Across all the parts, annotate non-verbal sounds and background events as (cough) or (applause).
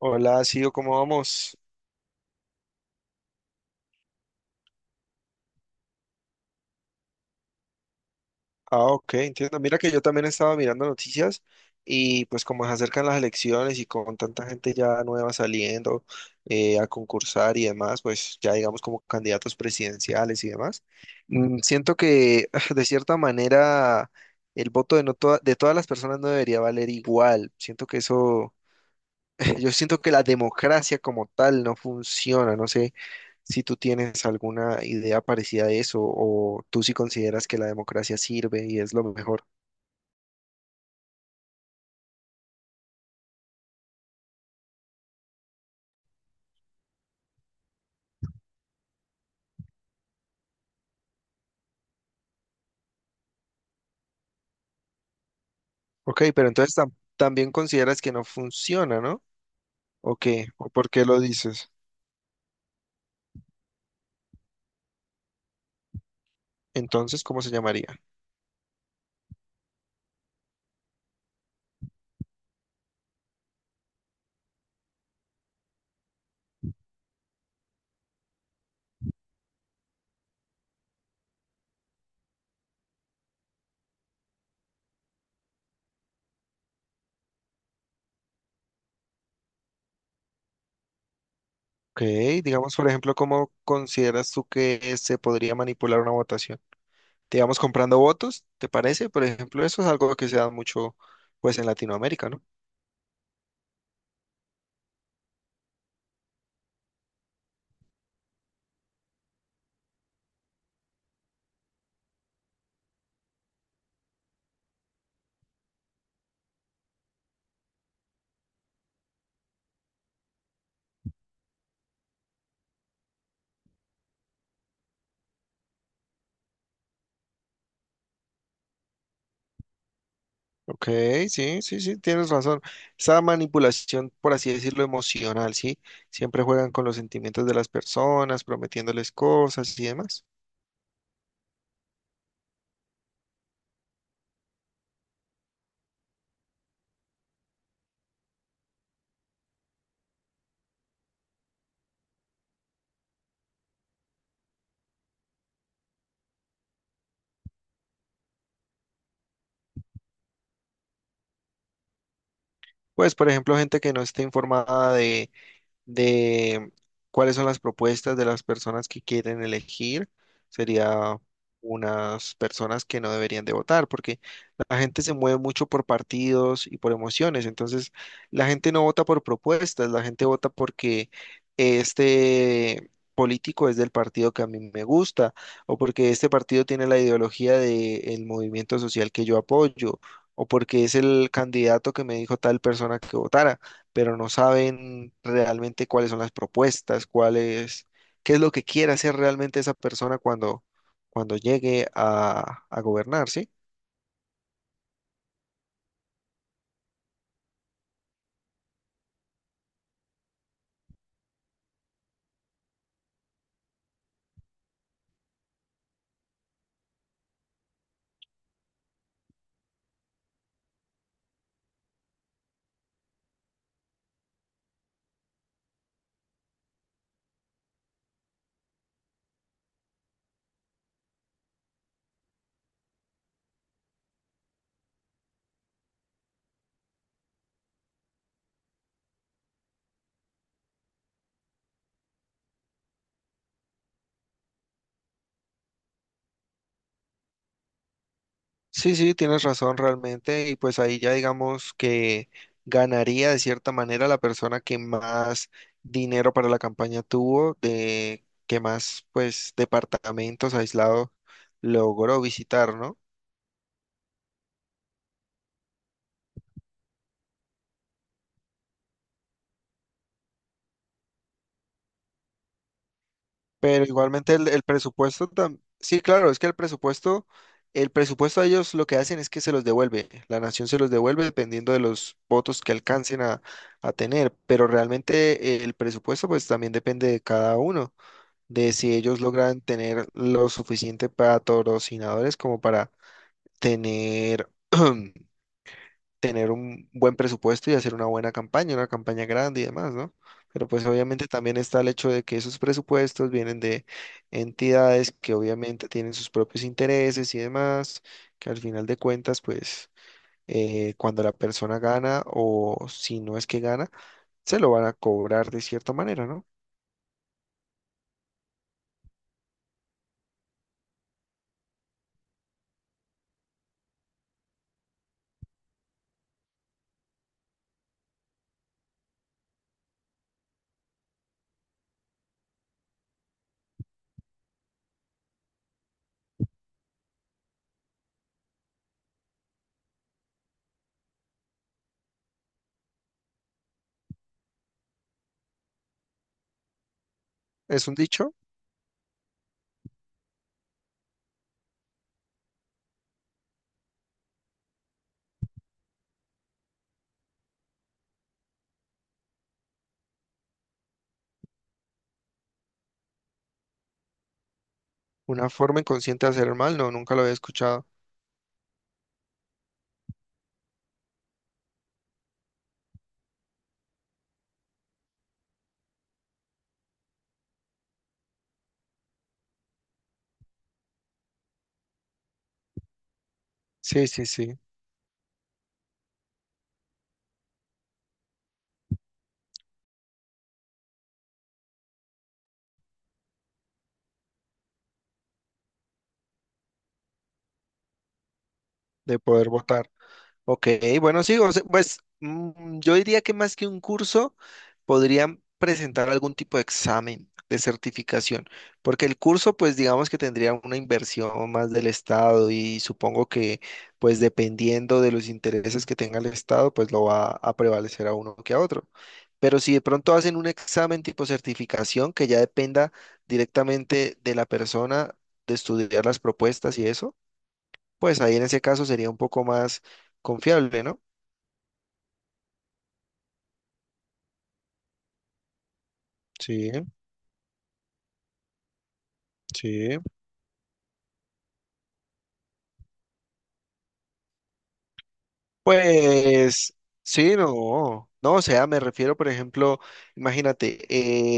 Hola, Sio, ¿cómo vamos? Ah, ok, entiendo. Mira que yo también estaba mirando noticias y pues como se acercan las elecciones y con tanta gente ya nueva saliendo a concursar y demás, pues ya digamos como candidatos presidenciales y demás, siento que (laughs) de cierta manera el voto de todas las personas no debería valer igual. Siento que eso, (laughs) yo siento que la democracia como tal no funciona, no sé. Si tú tienes alguna idea parecida a eso o tú sí consideras que la democracia sirve y es lo mejor. Ok, pero entonces también consideras que no funciona, ¿no? ¿O qué? ¿O por qué lo dices? Entonces, ¿cómo se llamaría? Ok, digamos, por ejemplo, ¿cómo consideras tú que se podría manipular una votación? Digamos, comprando votos, ¿te parece? Por ejemplo, eso es algo que se da mucho, pues, en Latinoamérica, ¿no? Ok, sí, sí, sí, tienes razón. Esa manipulación, por así decirlo, emocional, ¿sí? Siempre juegan con los sentimientos de las personas, prometiéndoles cosas y demás. Pues, por ejemplo, gente que no está informada de cuáles son las propuestas de las personas que quieren elegir. Sería unas personas que no deberían de votar, porque la gente se mueve mucho por partidos y por emociones. Entonces, la gente no vota por propuestas, la gente vota porque este político es del partido que a mí me gusta, o porque este partido tiene la ideología del movimiento social que yo apoyo, o porque es el candidato que me dijo tal persona que votara, pero no saben realmente cuáles son las propuestas, cuál es, qué es lo que quiere hacer realmente esa persona cuando llegue a gobernar, ¿sí? Sí, sí, tienes razón realmente, y pues ahí ya digamos que ganaría de cierta manera la persona que más dinero para la campaña tuvo, de que más pues departamentos aislados logró visitar, ¿no? Pero igualmente el presupuesto sí, claro, es que el presupuesto a ellos lo que hacen es que se los devuelve. La nación se los devuelve dependiendo de los votos que alcancen a tener. Pero realmente el presupuesto pues también depende de cada uno, de si ellos logran tener lo suficiente para patrocinadores como para tener (clears throat) tener un buen presupuesto y hacer una buena campaña, una campaña grande y demás, ¿no? Pero pues obviamente también está el hecho de que esos presupuestos vienen de entidades que obviamente tienen sus propios intereses y demás, que al final de cuentas, pues cuando la persona gana o si no es que gana, se lo van a cobrar de cierta manera, ¿no? Es un dicho, una forma inconsciente de hacer el mal, no, nunca lo había escuchado. Sí, sí, sí, de poder votar. Ok, bueno, sí, o sea, pues yo diría que más que un curso, podrían presentar algún tipo de examen de certificación, porque el curso, pues digamos que tendría una inversión más del Estado y supongo que, pues dependiendo de los intereses que tenga el Estado, pues lo va a prevalecer a uno que a otro. Pero si de pronto hacen un examen tipo certificación que ya dependa directamente de la persona de estudiar las propuestas y eso, pues ahí en ese caso sería un poco más confiable, ¿no? Sí, sí. Pues sí, no, no, o sea, me refiero, por ejemplo, imagínate,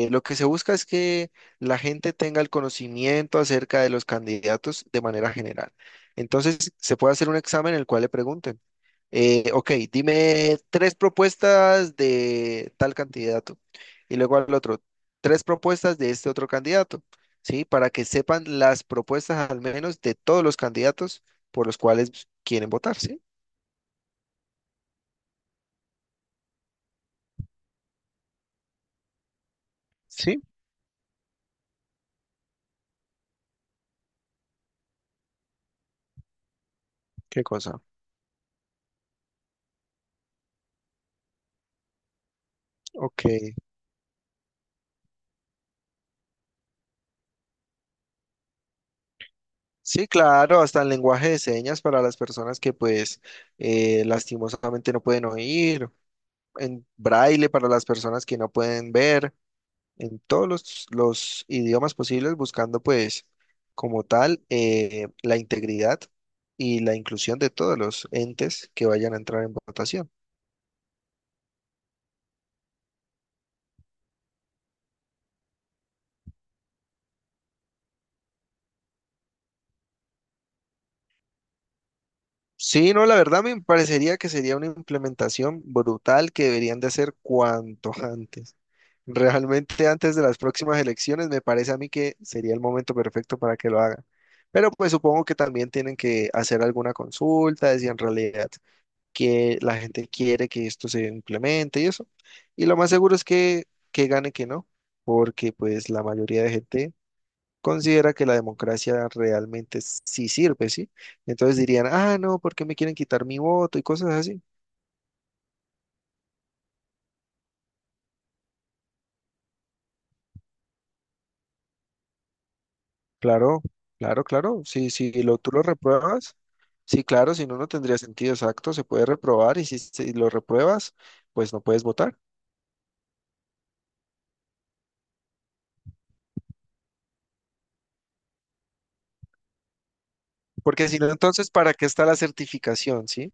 lo que se busca es que la gente tenga el conocimiento acerca de los candidatos de manera general. Entonces, se puede hacer un examen en el cual le pregunten, ok, dime tres propuestas de tal candidato y luego al otro, tres propuestas de este otro candidato, ¿sí? Para que sepan las propuestas al menos de todos los candidatos por los cuales quieren votar, ¿sí? Sí. ¿Qué cosa? Ok. Sí, claro, hasta el lenguaje de señas para las personas que pues lastimosamente no pueden oír, en braille para las personas que no pueden ver, en todos los idiomas posibles, buscando pues como tal la integridad y la inclusión de todos los entes que vayan a entrar en votación. Sí, no, la verdad me parecería que sería una implementación brutal que deberían de hacer cuanto antes. Realmente antes de las próximas elecciones me parece a mí que sería el momento perfecto para que lo hagan. Pero pues supongo que también tienen que hacer alguna consulta de si en realidad que la gente quiere que esto se implemente y eso. Y lo más seguro es que gane que no, porque pues la mayoría de gente considera que la democracia realmente sí sirve, ¿sí? Entonces dirían, ah, no, ¿por qué me quieren quitar mi voto y cosas así? Claro, claro, claro. Si, si lo, tú lo repruebas, sí, claro, si no, no tendría sentido exacto, se puede reprobar y si lo repruebas, pues no puedes votar. Porque si no, entonces, ¿para qué está la certificación, sí?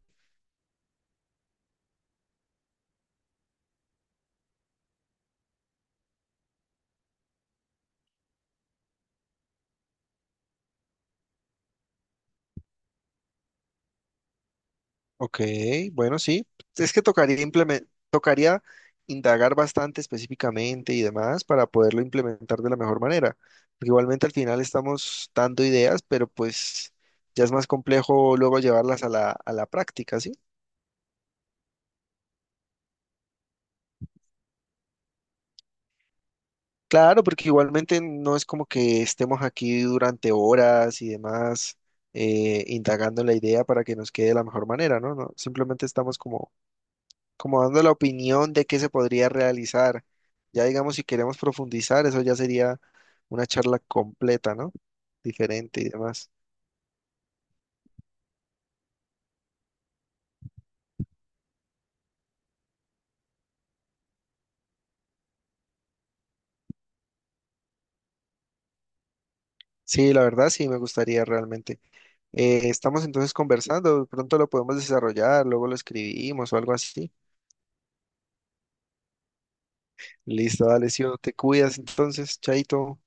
Ok, bueno, sí. Es que tocaría indagar bastante específicamente y demás para poderlo implementar de la mejor manera. Porque igualmente al final estamos dando ideas, pero pues ya es más complejo luego llevarlas a la práctica, ¿sí? Claro, porque igualmente no es como que estemos aquí durante horas y demás indagando en la idea para que nos quede de la mejor manera, ¿no? No, simplemente estamos como dando la opinión de qué se podría realizar. Ya digamos, si queremos profundizar, eso ya sería una charla completa, ¿no? Diferente y demás. Sí, la verdad sí me gustaría realmente. Estamos entonces conversando, de pronto lo podemos desarrollar, luego lo escribimos o algo así. Listo, dale, Sio, te cuidas entonces, chaito.